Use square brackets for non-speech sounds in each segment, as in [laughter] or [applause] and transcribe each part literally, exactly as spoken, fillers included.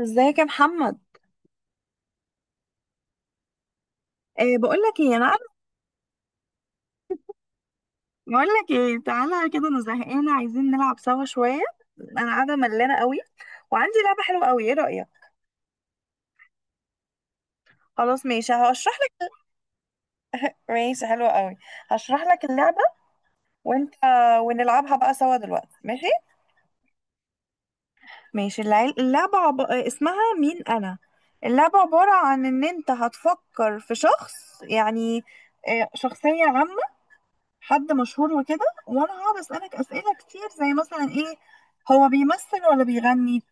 ازيك يا محمد؟ أه بقول لك ايه، انا قاعدة- بقول لك ايه، تعالى كده، انا زهقانه، عايزين نلعب سوا شويه. انا قاعده ملانه قوي وعندي لعبه حلوه قوي، ايه رايك؟ خلاص ماشي، هشرح لك. ماشي حلوه قوي. هشرح لك اللعبه وانت، ونلعبها بقى سوا دلوقتي ماشي. ماشي، اللع- اللعبه عب... آه، اسمها مين انا. اللعبه عباره عن ان انت هتفكر في شخص، يعني آه، شخصيه عامه، حد مشهور وكده، وانا هقعد اسالك اسئله كتير زي مثلا ايه. هو بيمثل ولا بيغني؟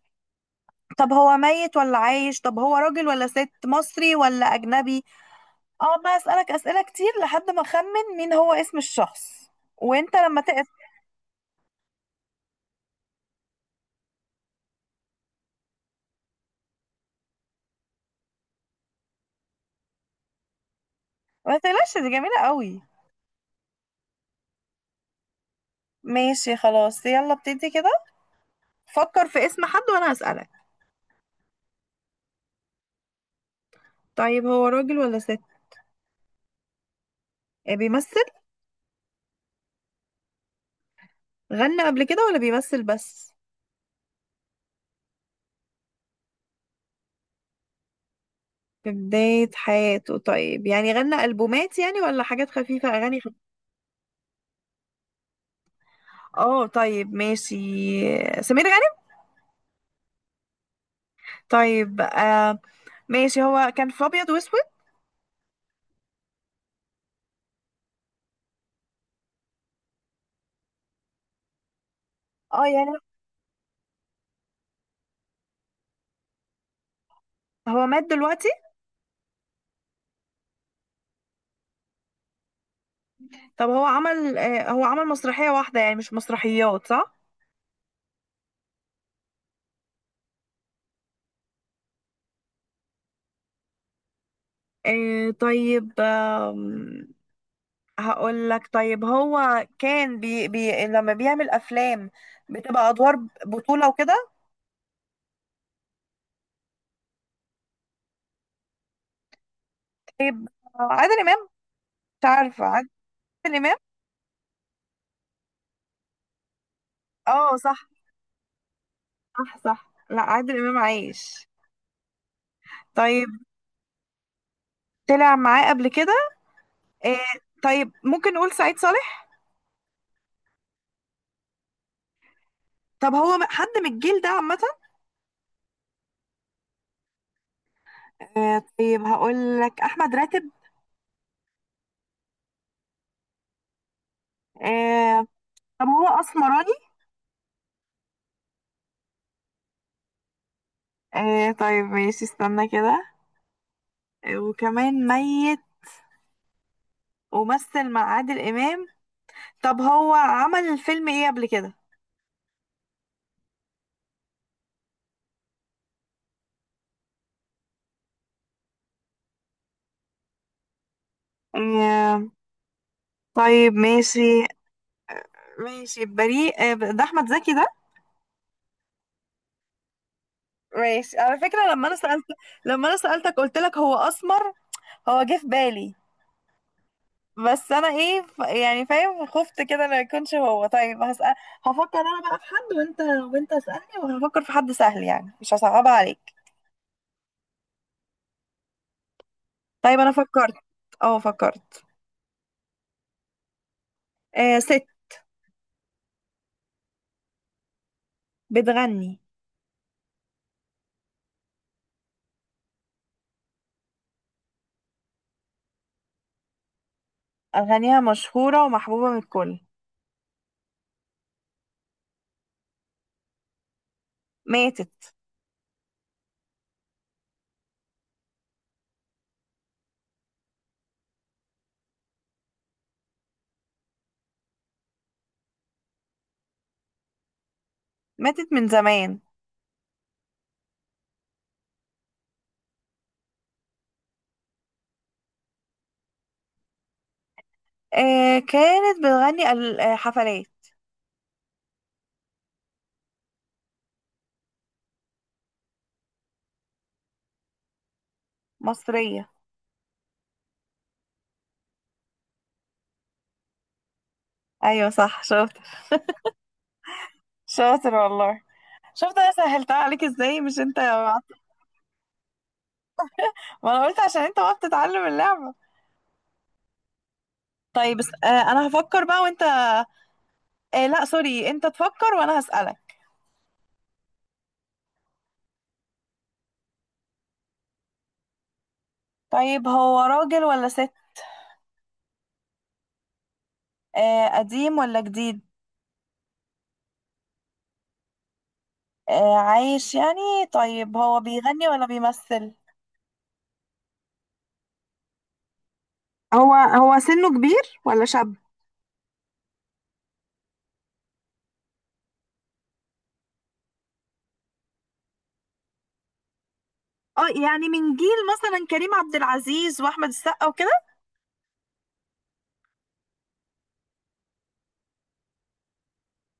طب هو ميت ولا عايش؟ طب هو راجل ولا ست؟ مصري ولا اجنبي؟ اقعد بقى اسالك اسئله كتير لحد ما اخمن مين هو، اسم الشخص، وانت لما تقف. ما تقلقش، دي جميله قوي. ماشي خلاص، يلا ابتدي كده. فكر في اسم حد وانا هسالك. طيب هو راجل ولا ست؟ إيه، بيمثل؟ غنى قبل كده ولا بيمثل بس؟ في بداية حياته؟ طيب يعني غنى ألبومات يعني ولا حاجات خفيفة، أغاني خفيفة؟ اه طيب ماشي. سمير غانم؟ طيب آه ماشي، هو كان في أبيض وأسود؟ اه يعني. هو مات دلوقتي؟ طب هو عمل آه هو عمل مسرحية واحدة يعني، مش مسرحيات صح؟ آه طيب، آم، هقول لك، طيب هو كان بي بي لما بيعمل أفلام بتبقى أدوار بطولة وكده؟ طيب، آه، عادل إمام. مش عارفة عادل إمام. اه صح صح صح، لا، عادل امام عايش. طيب، طلع معاه قبل كده. آه. طيب ممكن نقول سعيد صالح. طب هو م- حد من الجيل ده عامة. آه طيب هقول لك احمد راتب. آه. طب هو اسمراني. آه طيب ماشي، استنى كده. آه، وكمان ميت ومثل مع عادل امام. طب هو عمل فيلم ايه قبل كده؟ آه طيب ماشي. ماشي بريء، آه ده احمد زكي ده. ماشي، على فكرة لما انا سألت، لما انا سألتك قلت لك هو اسمر، هو جه في بالي، بس انا ايه ف- يعني فاهم، خفت كده ما يكونش هو. طيب هسأل، هفكر انا بقى في حد، وانت، وانت اسألني وهفكر في حد سهل يعني مش هصعبها عليك. طيب انا فكرت. اه فكرت. آه، ست بتغني، اغانيها مشهورة ومحبوبة من الكل. ماتت. ماتت من زمان. آه كانت بتغني ال- آه، حفلات. مصرية. ايوه صح، شاطر. شاطر والله. شفت انا سهلتها عليك ازاي مش انت؟ ما انا قلت عشان انت وقت تتعلم اللعبة. طيب بس، آه، انا هفكر بقى، وانت، آه لا سوري، انت تفكر وانا هسألك. طيب هو راجل ولا ست؟ آه، قديم ولا جديد؟ آه عايش يعني. طيب هو بيغني ولا بيمثل؟ هو هو سنه كبير ولا شاب؟ اه يعني من جيل مثلا كريم عبد العزيز واحمد السقا وكده.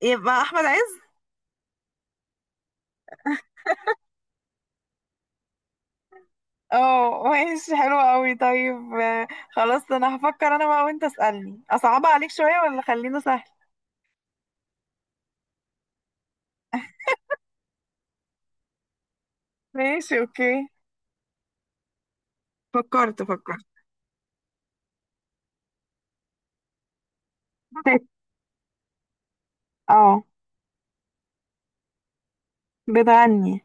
يبقى احمد عز. اه ماشي حلو قوي. طيب، آه، خلاص انا هفكر انا بقى، وانت اسألني، اصعبها عليك شوية ولا خلينه سهل؟ ماشي اوكي. فكرت فكرت. [laughs] ست. اه. بتغني.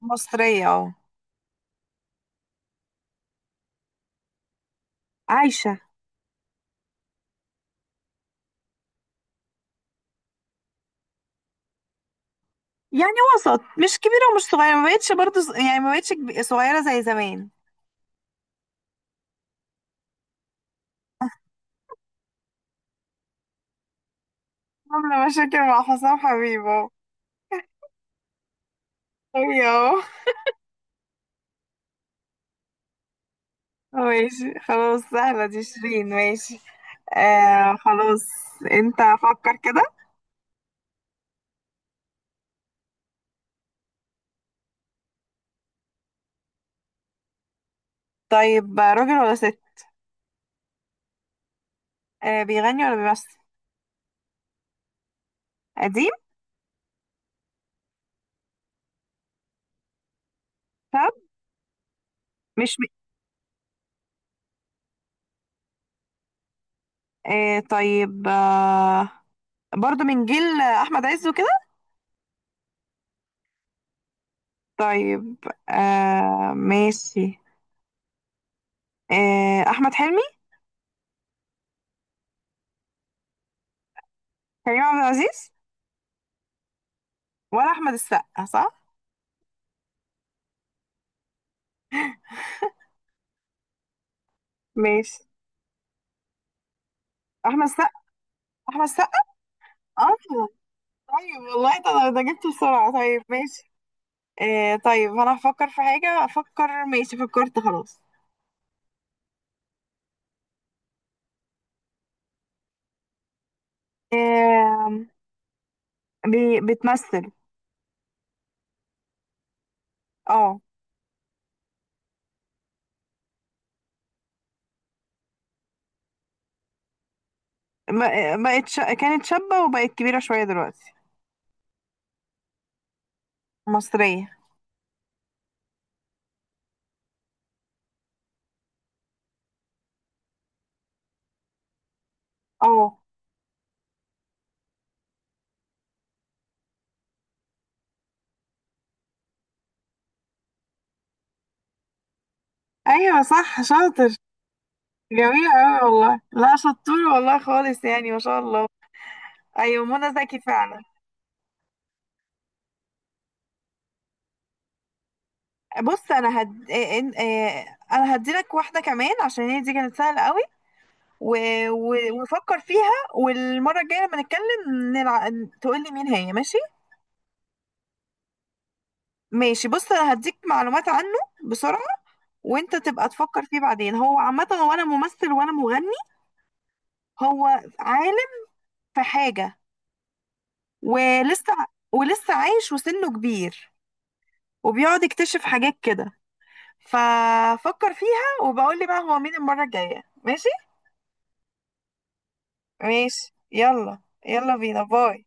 مصرية اه. عايشة. يعني وسط، مش كبيرة ومش صغيرة، ما بقتش برضه ص- يعني ما بقتش كب- صغيرة زي زمان. عاملة مشاكل مع حسام حبيب اهو. أيوة. اهو ماشي خلاص، سهلة دي، شيرين، ماشي. آه خلاص. انت، فكر كده. طيب راجل ولا ست؟ آه، بيغني ولا بيمثل؟ قديم. طب مش م... آه طيب، آه برضه من جيل أحمد عز وكده. طيب، آه ماشي. آه أحمد حلمي. كريم عبد العزيز. ولا احمد السقا صح؟ ماشي. احمد السقا. احمد السقا اصلا. طيب والله ده ده جبته بسرعه. طيب ماشي. آه طيب انا هفكر في حاجه، افكر ماشي، فكرت خلاص. آه بي بتمثل. اه م- بقت ش... كانت شابه وبقت كبيره شويه دلوقتي. مصريه. اه. ايوه صح شاطر. جميل قوي والله، لا شطور والله خالص يعني ما شاء الله. ايوه منى زكي فعلا. بص انا هد... إيه- إن- إيه، انا هديلك واحده كمان عشان هي دي كانت سهله قوي. و... و... وفكر فيها والمره الجايه لما نتكلم نلع... تقول لي مين هي ماشي. ماشي بص، انا هديك معلومات عنه بسرعه، وانت تبقى تفكر فيه بعدين. هو عامه، هو انا ممثل وانا مغني، هو عالم في حاجه، ولسه ولسه عايش وسنه كبير، وبيقعد يكتشف حاجات كده. ففكر فيها وبقول لي بقى هو مين المره الجايه ماشي. ماشي يلا. يلا بينا باي.